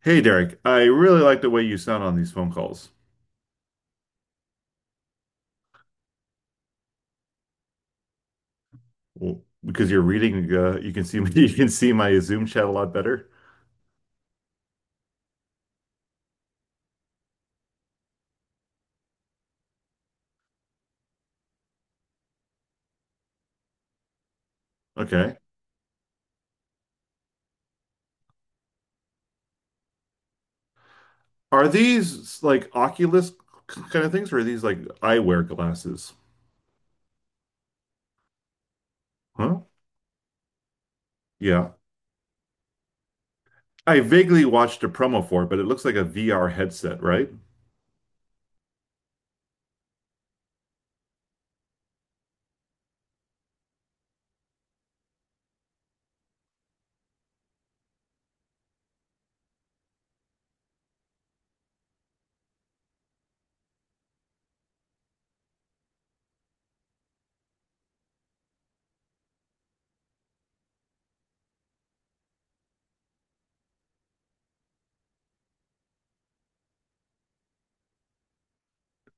Hey Derek, I really like the way you sound on these phone calls. Well, because you're reading, you can see me, you can see my Zoom chat a lot better. Okay. Are these like Oculus kind of things, or are these like eyewear glasses? Huh? Yeah. I vaguely watched a promo for it, but it looks like a VR headset, right?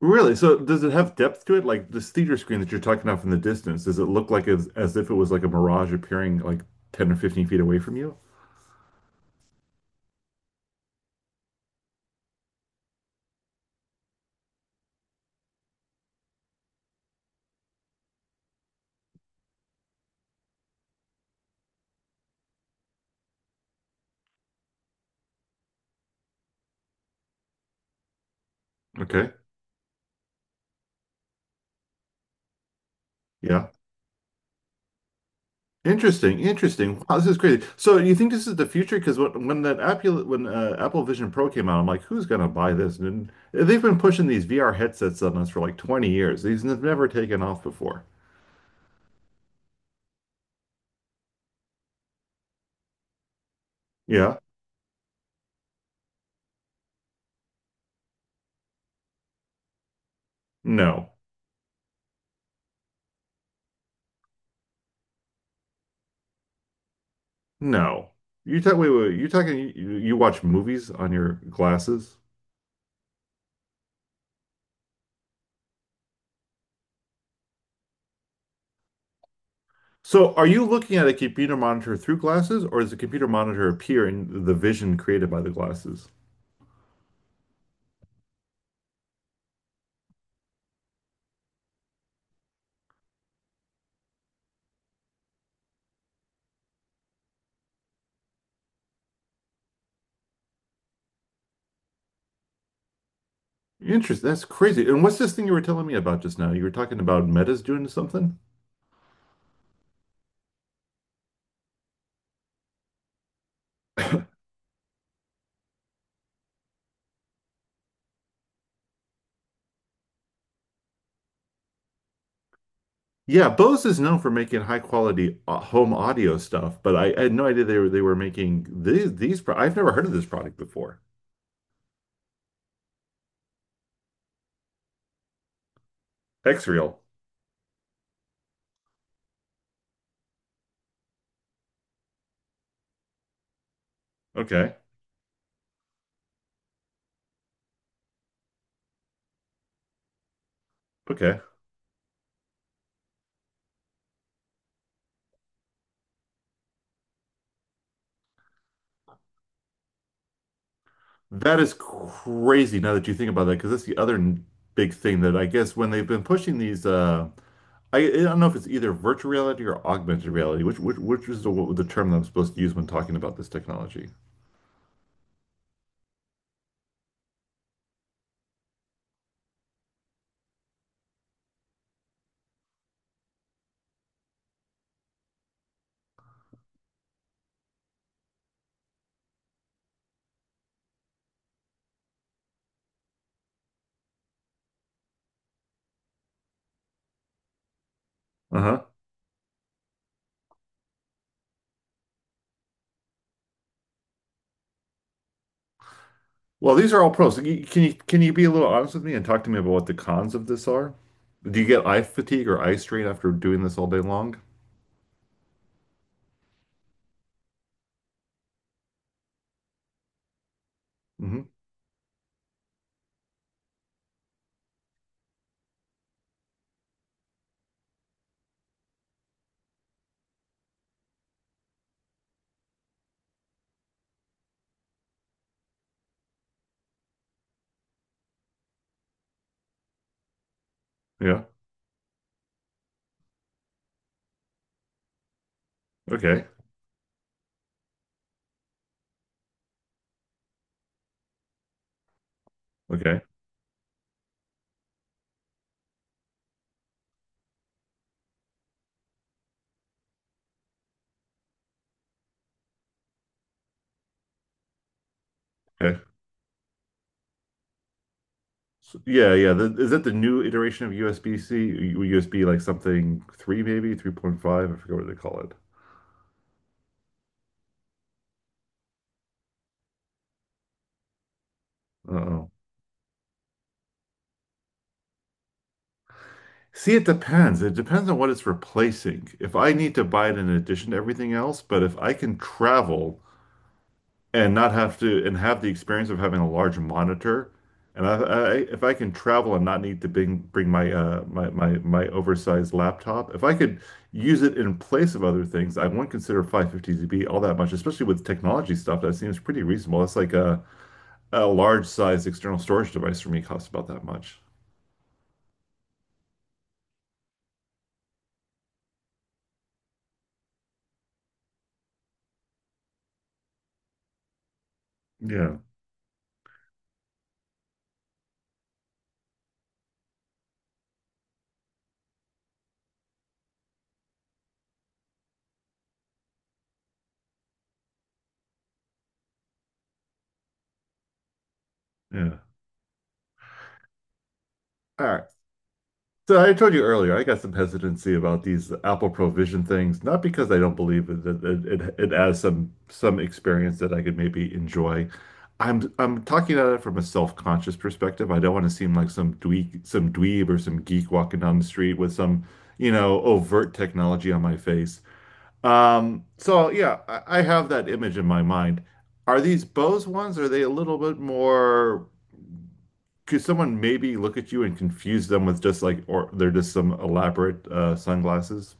Really? So does it have depth to it? Like this theater screen that you're talking about from the distance, does it look like as if it was like a mirage appearing like 10 or 15 feet away from you? Okay. Yeah. Interesting, interesting. Wow, this is crazy. So you think this is the future? Because when that Apple Vision Pro came out, I'm like, who's gonna buy this? And they've been pushing these VR headsets on us for like 20 years. These have never taken off before. Yeah? No, no. You talk. Wait, wait. You talking? You watch movies on your glasses? So are you looking at a computer monitor through glasses, or does the computer monitor appear in the vision created by the glasses? Interesting. That's crazy. And what's this thing you were telling me about just now? You were talking about Meta's doing something? Yeah, Bose is known for making high quality home audio stuff, but I had no idea they were making these pro I've never heard of this product before. Xreel. Okay. Okay. That is crazy now that you think about that, because that's big thing that I guess when they've been pushing these I don't know if it's either virtual reality or augmented reality, which which is the term that I'm supposed to use when talking about this technology. Uh-huh. Well, these are all pros. Can you be a little honest with me and talk to me about what the cons of this are? Do you get eye fatigue or eye strain after doing this all day long? Hmm. Yeah. Okay. Okay. Okay. So, yeah, yeah. The, is that the new iteration of USB-C? USB like something three maybe, 3.5? I forget what they call it. Uh-oh. See, it depends. It depends on what it's replacing. If I need to buy it in addition to everything else, but if I can travel and not have to and have the experience of having a large monitor. And I if I can travel and not need to bring my oversized laptop, if I could use it in place of other things, I wouldn't consider 550 to be all that much, especially with technology stuff. That seems pretty reasonable. That's like a large size external storage device for me costs about that much. Yeah, yeah. All right. So I told you earlier, I got some hesitancy about these Apple Provision things, not because I don't believe it that it adds some experience that I could maybe enjoy. I'm talking about it from a self-conscious perspective. I don't want to seem like some dweeb or some geek walking down the street with some, you know, overt technology on my face. So yeah, I have that image in my mind. Are these Bose ones? Are they a little bit more? Could someone maybe look at you and confuse them with just like, or they're just some elaborate sunglasses?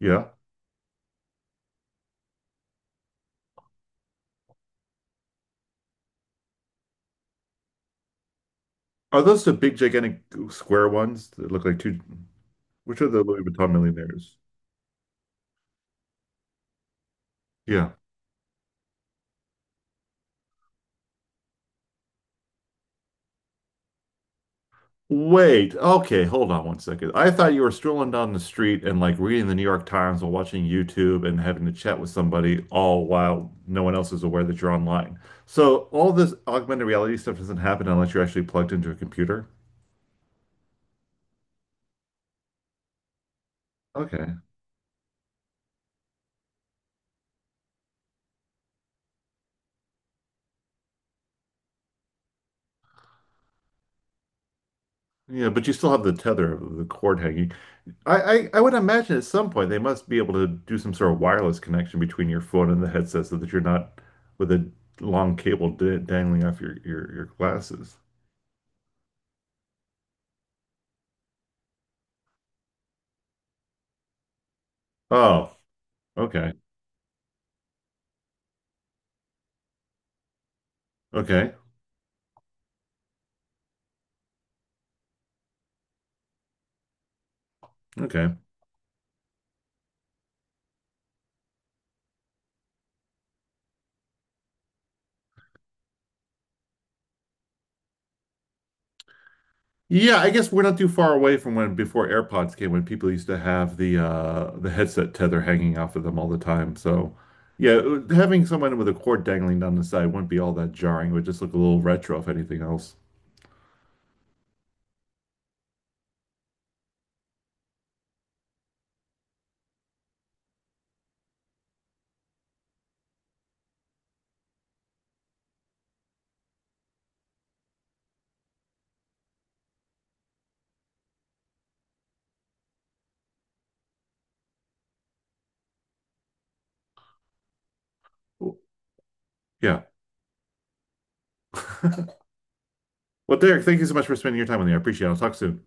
Yeah. Are those the big, gigantic square ones that look like two? Which are the Louis Vuitton millionaires? Yeah. Wait. Okay. Hold on 1 second. I thought you were strolling down the street and like reading the New York Times or watching YouTube and having a chat with somebody all while no one else is aware that you're online. So all this augmented reality stuff doesn't happen unless you're actually plugged into a computer. Okay. Yeah, but you still have the tether of the cord hanging. You I would imagine at some point they must be able to do some sort of wireless connection between your phone and the headset so that you're not with a long cable d dangling off your glasses. Oh, okay. Okay. Okay. Yeah, I guess we're not too far away from when before AirPods came, when people used to have the headset tether hanging off of them all the time. So yeah, having someone with a cord dangling down the side wouldn't be all that jarring. It would just look a little retro if anything else. Oh, yeah. Well, Derek, thank you so much for spending your time with me. I appreciate it. I'll talk soon.